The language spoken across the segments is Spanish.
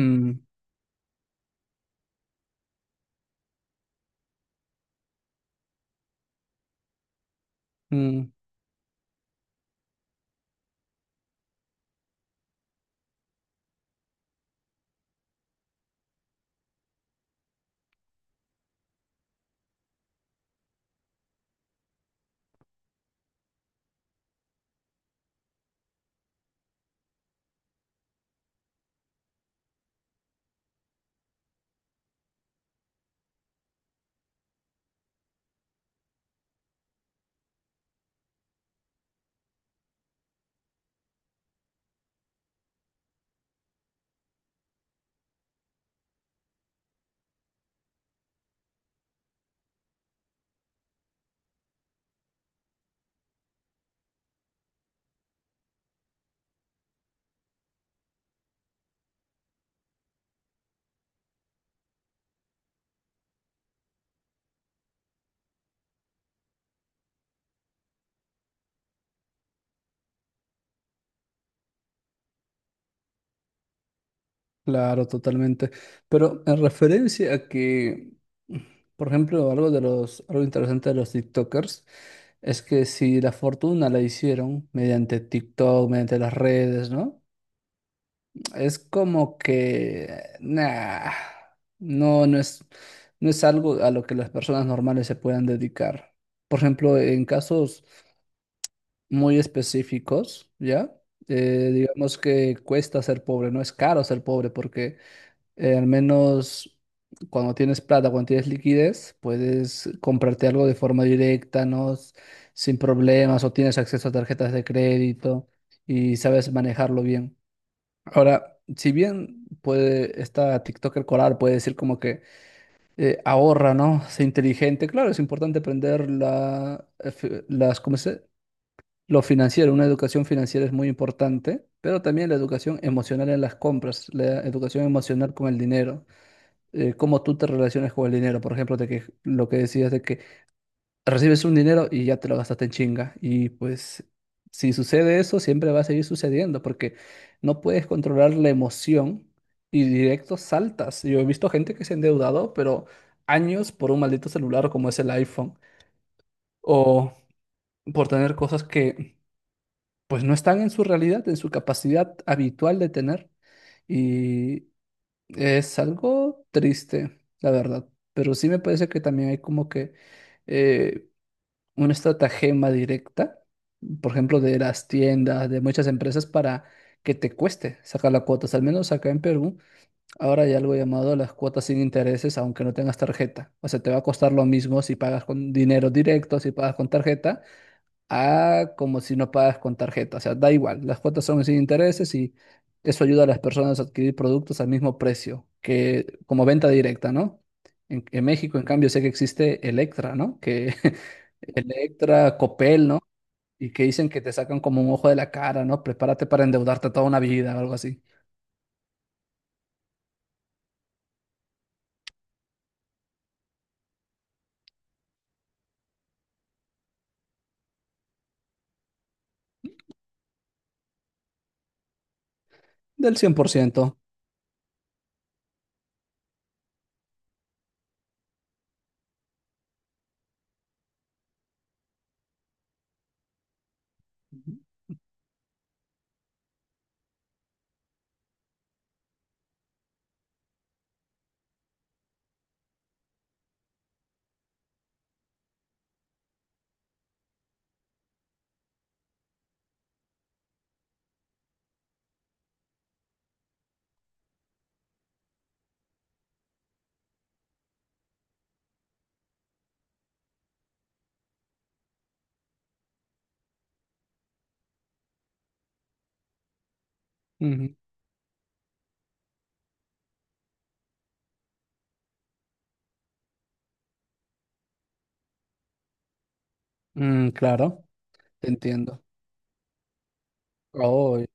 Mm, mm, claro, totalmente. Pero en referencia a que, mm, por ejemplo, algo interesante de los TikTokers es que si la fortuna la hicieron mediante TikTok, mediante las redes, ¿no? Es como que, nah, no, no es algo a lo que las personas normales se puedan dedicar. Por ejemplo, en casos muy específicos, ¿ya? Digamos que cuesta ser pobre, no es caro ser pobre porque al menos cuando tienes plata, cuando tienes liquidez, puedes comprarte algo de forma directa, ¿no? Sin problemas, o tienes acceso a tarjetas de crédito y sabes manejarlo bien. Ahora, si bien puede esta TikToker colar puede decir como que ahorra, ¿no? Sé inteligente. Claro, es importante aprender las, ¿cómo se? Lo financiero, una educación financiera es muy importante, pero también la educación emocional en las compras, la educación emocional con el dinero, cómo tú te relacionas con el dinero. Por ejemplo, de que lo que decías de que recibes un dinero y ya te lo gastaste en chinga. Y pues si sucede eso, siempre va a seguir sucediendo porque no puedes controlar la emoción y directo saltas. Yo he visto gente que se ha endeudado, pero años por un maldito celular como es el iPhone, o por tener cosas que pues no están en su realidad, en su capacidad habitual de tener. Y es algo triste, la verdad, pero sí me parece que también hay como que eh, una estratagema directa, por ejemplo, de las tiendas, de muchas empresas para que te cueste sacar las cuotas. Al menos acá en Perú, ahora hay algo llamado las cuotas sin intereses, aunque no tengas tarjeta. O sea, te va a costar lo mismo si pagas con dinero directo, si pagas con tarjeta, a como si no pagas con tarjeta. O sea, da igual. Las cuotas son sin intereses y eso ayuda a las personas a adquirir productos al mismo precio que como venta directa, ¿no? En México, en cambio, sé que existe Electra, ¿no? Que Electra, Copel, ¿no? Y que dicen que te sacan como un ojo de la cara, ¿no? Prepárate para endeudarte toda una vida o algo así. Del 100%. Ujú. Mm, claro, te entiendo. Oh,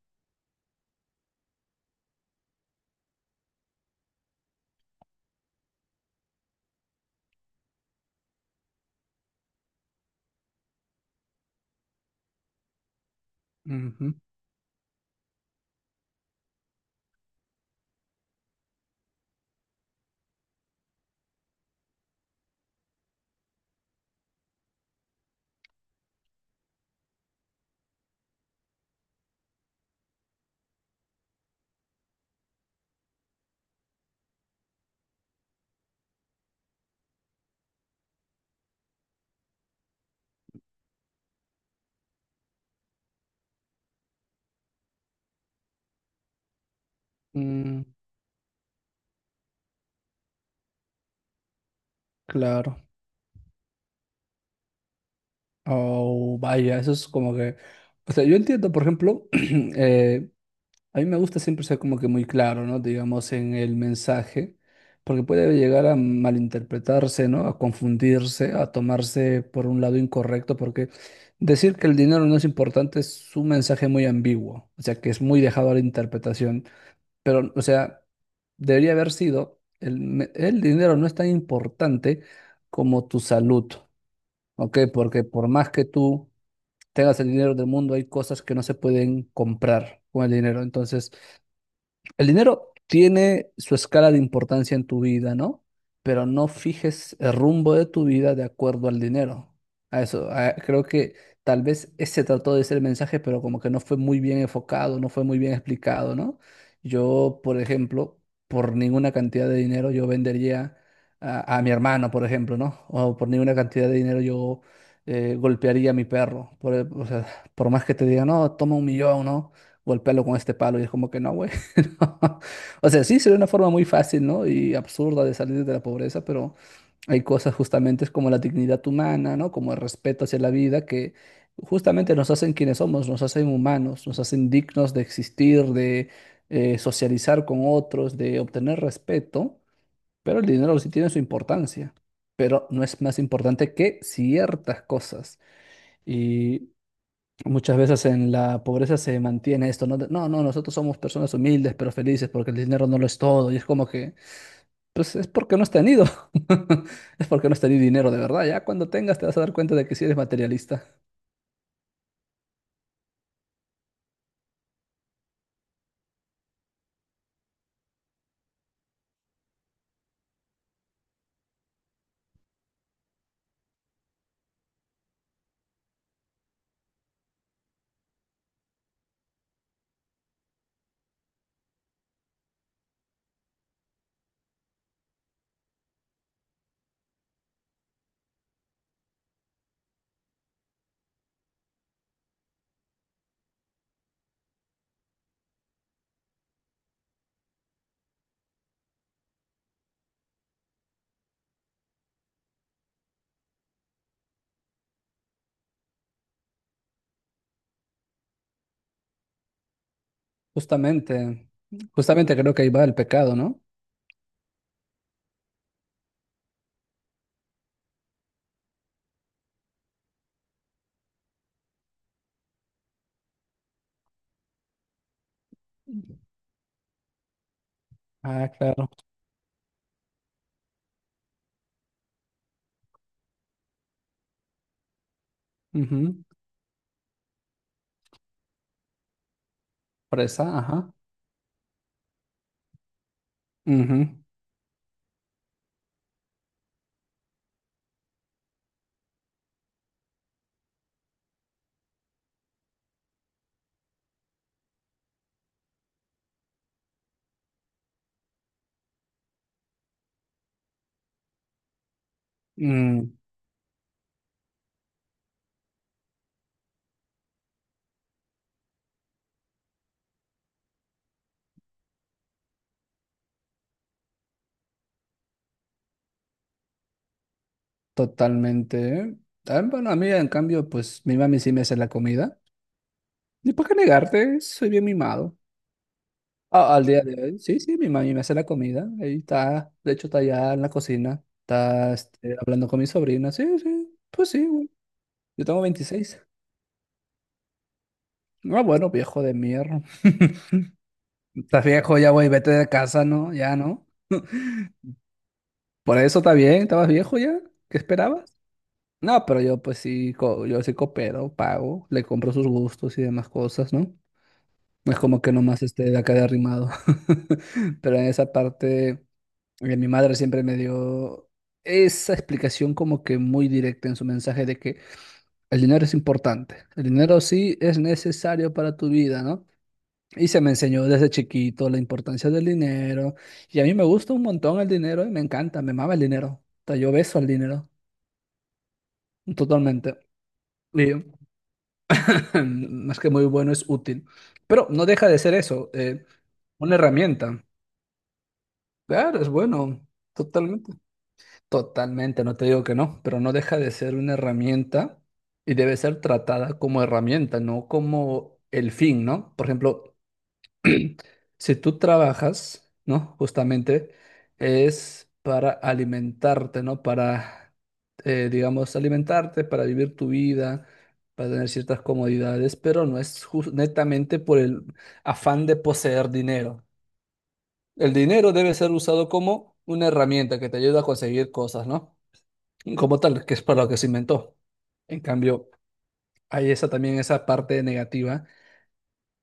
ujú. Mm, claro. Oh, vaya, eso es como que, o sea, yo entiendo, por ejemplo, eh, a mí me gusta siempre ser como que muy claro, ¿no? Digamos, en el mensaje, porque puede llegar a malinterpretarse, ¿no? A confundirse, a tomarse por un lado incorrecto, porque decir que el dinero no es importante es un mensaje muy ambiguo, o sea, que es muy dejado a la interpretación, pero, o sea, debería haber sido, el dinero no es tan importante como tu salud, ¿ok? Porque por más que tú tengas el dinero del mundo, hay cosas que no se pueden comprar con el dinero. Entonces, el dinero tiene su escala de importancia en tu vida, ¿no? Pero no fijes el rumbo de tu vida de acuerdo al dinero. A eso, creo que tal vez ese trató de ser el mensaje, pero como que no fue muy bien enfocado, no fue muy bien explicado, ¿no? Yo, por ejemplo, por ninguna cantidad de dinero yo vendería a mi hermano, por ejemplo, ¿no? O por ninguna cantidad de dinero yo golpearía a mi perro. O sea, por más que te diga, no, toma un millón, ¿no? Golpéalo con este palo. Y es como que no, güey. O sea, sí, sería una forma muy fácil, ¿no? Y absurda de salir de la pobreza, pero hay cosas justamente como la dignidad humana, ¿no? Como el respeto hacia la vida que justamente nos hacen quienes somos, nos hacen humanos, nos hacen dignos de existir, de socializar con otros, de obtener respeto, pero el dinero sí tiene su importancia, pero no es más importante que ciertas cosas. Y muchas veces en la pobreza se mantiene esto, ¿no? De, no, no, nosotros somos personas humildes pero felices porque el dinero no lo es todo. Y es como que, pues es porque no has tenido. Es porque no has tenido dinero de verdad. Ya cuando tengas te vas a dar cuenta de que si eres materialista. Justamente, justamente creo que ahí va el pecado, ¿no? Ah, claro. Ujú. Presa, ajá. Ujú. Mm, totalmente. Ah, bueno, a mí en cambio, pues mi mami sí me hace la comida. ¿Y para qué negarte? Soy bien mimado. Ah, al día de hoy, sí, sí, mi mami me hace la comida. Ahí está, de hecho, está allá en la cocina. Está este, hablando con mi sobrina. Sí, sí, pues sí, güey. Yo tengo 26. Ah, bueno, viejo de mierda. Estás viejo ya, güey, vete de casa, ¿no? Ya, ¿no? Por eso está bien, estabas viejo ya. ¿Qué esperabas? No, pero yo, pues sí, yo sí coopero, pago, le compro sus gustos y demás cosas, ¿no? No. Es como que nomás esté de acá de arrimado. Pero en esa parte. Y mi madre siempre me dio esa explicación como que muy directa en su mensaje de que el dinero es importante, el dinero sí es necesario para tu vida, ¿no? Y se me enseñó desde chiquito la importancia del dinero. Y a mí me gusta un montón el dinero y me encanta, me mama el dinero. O sea, yo beso al dinero, totalmente. Y más que muy bueno, es útil. Pero no deja de ser eso, una herramienta. Claro, es bueno, totalmente. Totalmente, no te digo que no, pero no deja de ser una herramienta y debe ser tratada como herramienta, no como el fin, ¿no? Por ejemplo, si tú trabajas, ¿no? Justamente es para alimentarte, ¿no? Para, digamos, alimentarte, para vivir tu vida, para tener ciertas comodidades, pero no es netamente por el afán de poseer dinero. El dinero debe ser usado como una herramienta que te ayuda a conseguir cosas, ¿no? Como tal, que es para lo que se inventó. En cambio, hay esa también esa parte negativa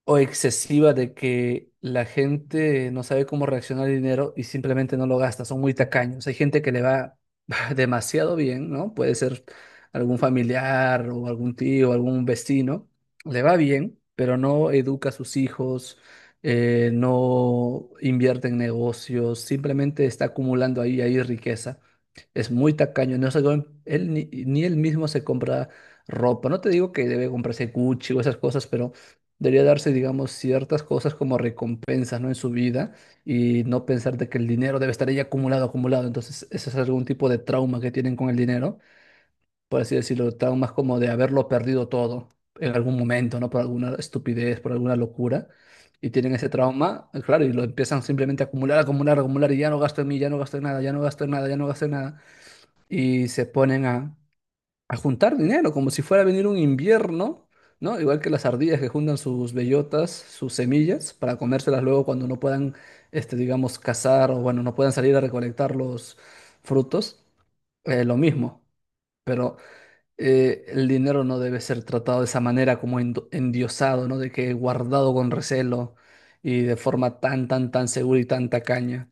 o excesiva de que la gente no sabe cómo reaccionar al dinero y simplemente no lo gasta, son muy tacaños. Hay gente que le va demasiado bien, ¿no? Puede ser algún familiar o algún tío, algún vecino, le va bien, pero no educa a sus hijos, no invierte en negocios, simplemente está acumulando ahí, ahí riqueza. Es muy tacaño, él ni él mismo se compra ropa. No te digo que debe comprarse Gucci o esas cosas, pero debería darse, digamos, ciertas cosas como recompensas, ¿no? En su vida, y no pensar de que el dinero debe estar ahí acumulado, acumulado. Entonces, eso es algún tipo de trauma que tienen con el dinero, por así decirlo, traumas como de haberlo perdido todo en algún momento, ¿no? Por alguna estupidez, por alguna locura. Y tienen ese trauma, claro, y lo empiezan simplemente a acumular, acumular, acumular, y ya no gasto en mí, ya no gasto en nada, ya no gasto en nada, ya no gasto en nada y se ponen a juntar dinero, como si fuera a venir un invierno, ¿no? Igual que las ardillas que juntan sus bellotas, sus semillas, para comérselas luego cuando no puedan, este, digamos, cazar o, bueno, no puedan salir a recolectar los frutos. Lo mismo, pero el dinero no debe ser tratado de esa manera como endiosado, ¿no? De que guardado con recelo y de forma tan, tan, tan segura y tan tacaña.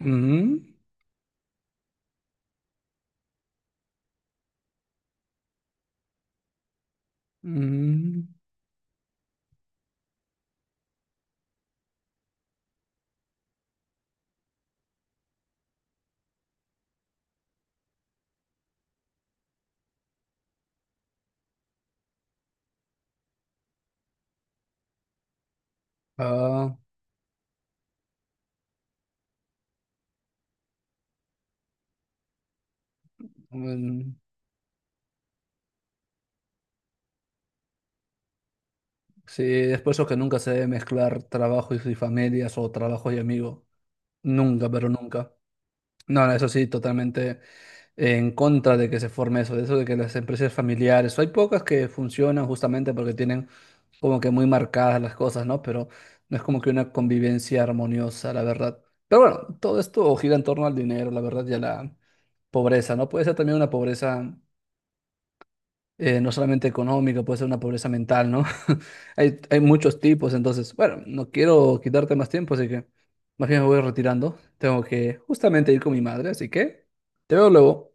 Mm, mm, ah, mm. Sí, es después eso que nunca se debe mezclar trabajo y familias o trabajo y amigos. Nunca, pero nunca. No, no, eso sí, totalmente en contra de que se forme eso de que las empresas familiares, hay pocas que funcionan justamente porque tienen como que muy marcadas las cosas, ¿no? Pero no es como que una convivencia armoniosa, la verdad. Pero bueno, todo esto gira en torno al dinero, la verdad, y a la pobreza, ¿no? Puede ser también una pobreza no solamente económica, puede ser una pobreza mental, ¿no? Hay muchos tipos, entonces, bueno, no quiero quitarte más tiempo, así que más bien me voy retirando. Tengo que justamente ir con mi madre, así que te veo luego.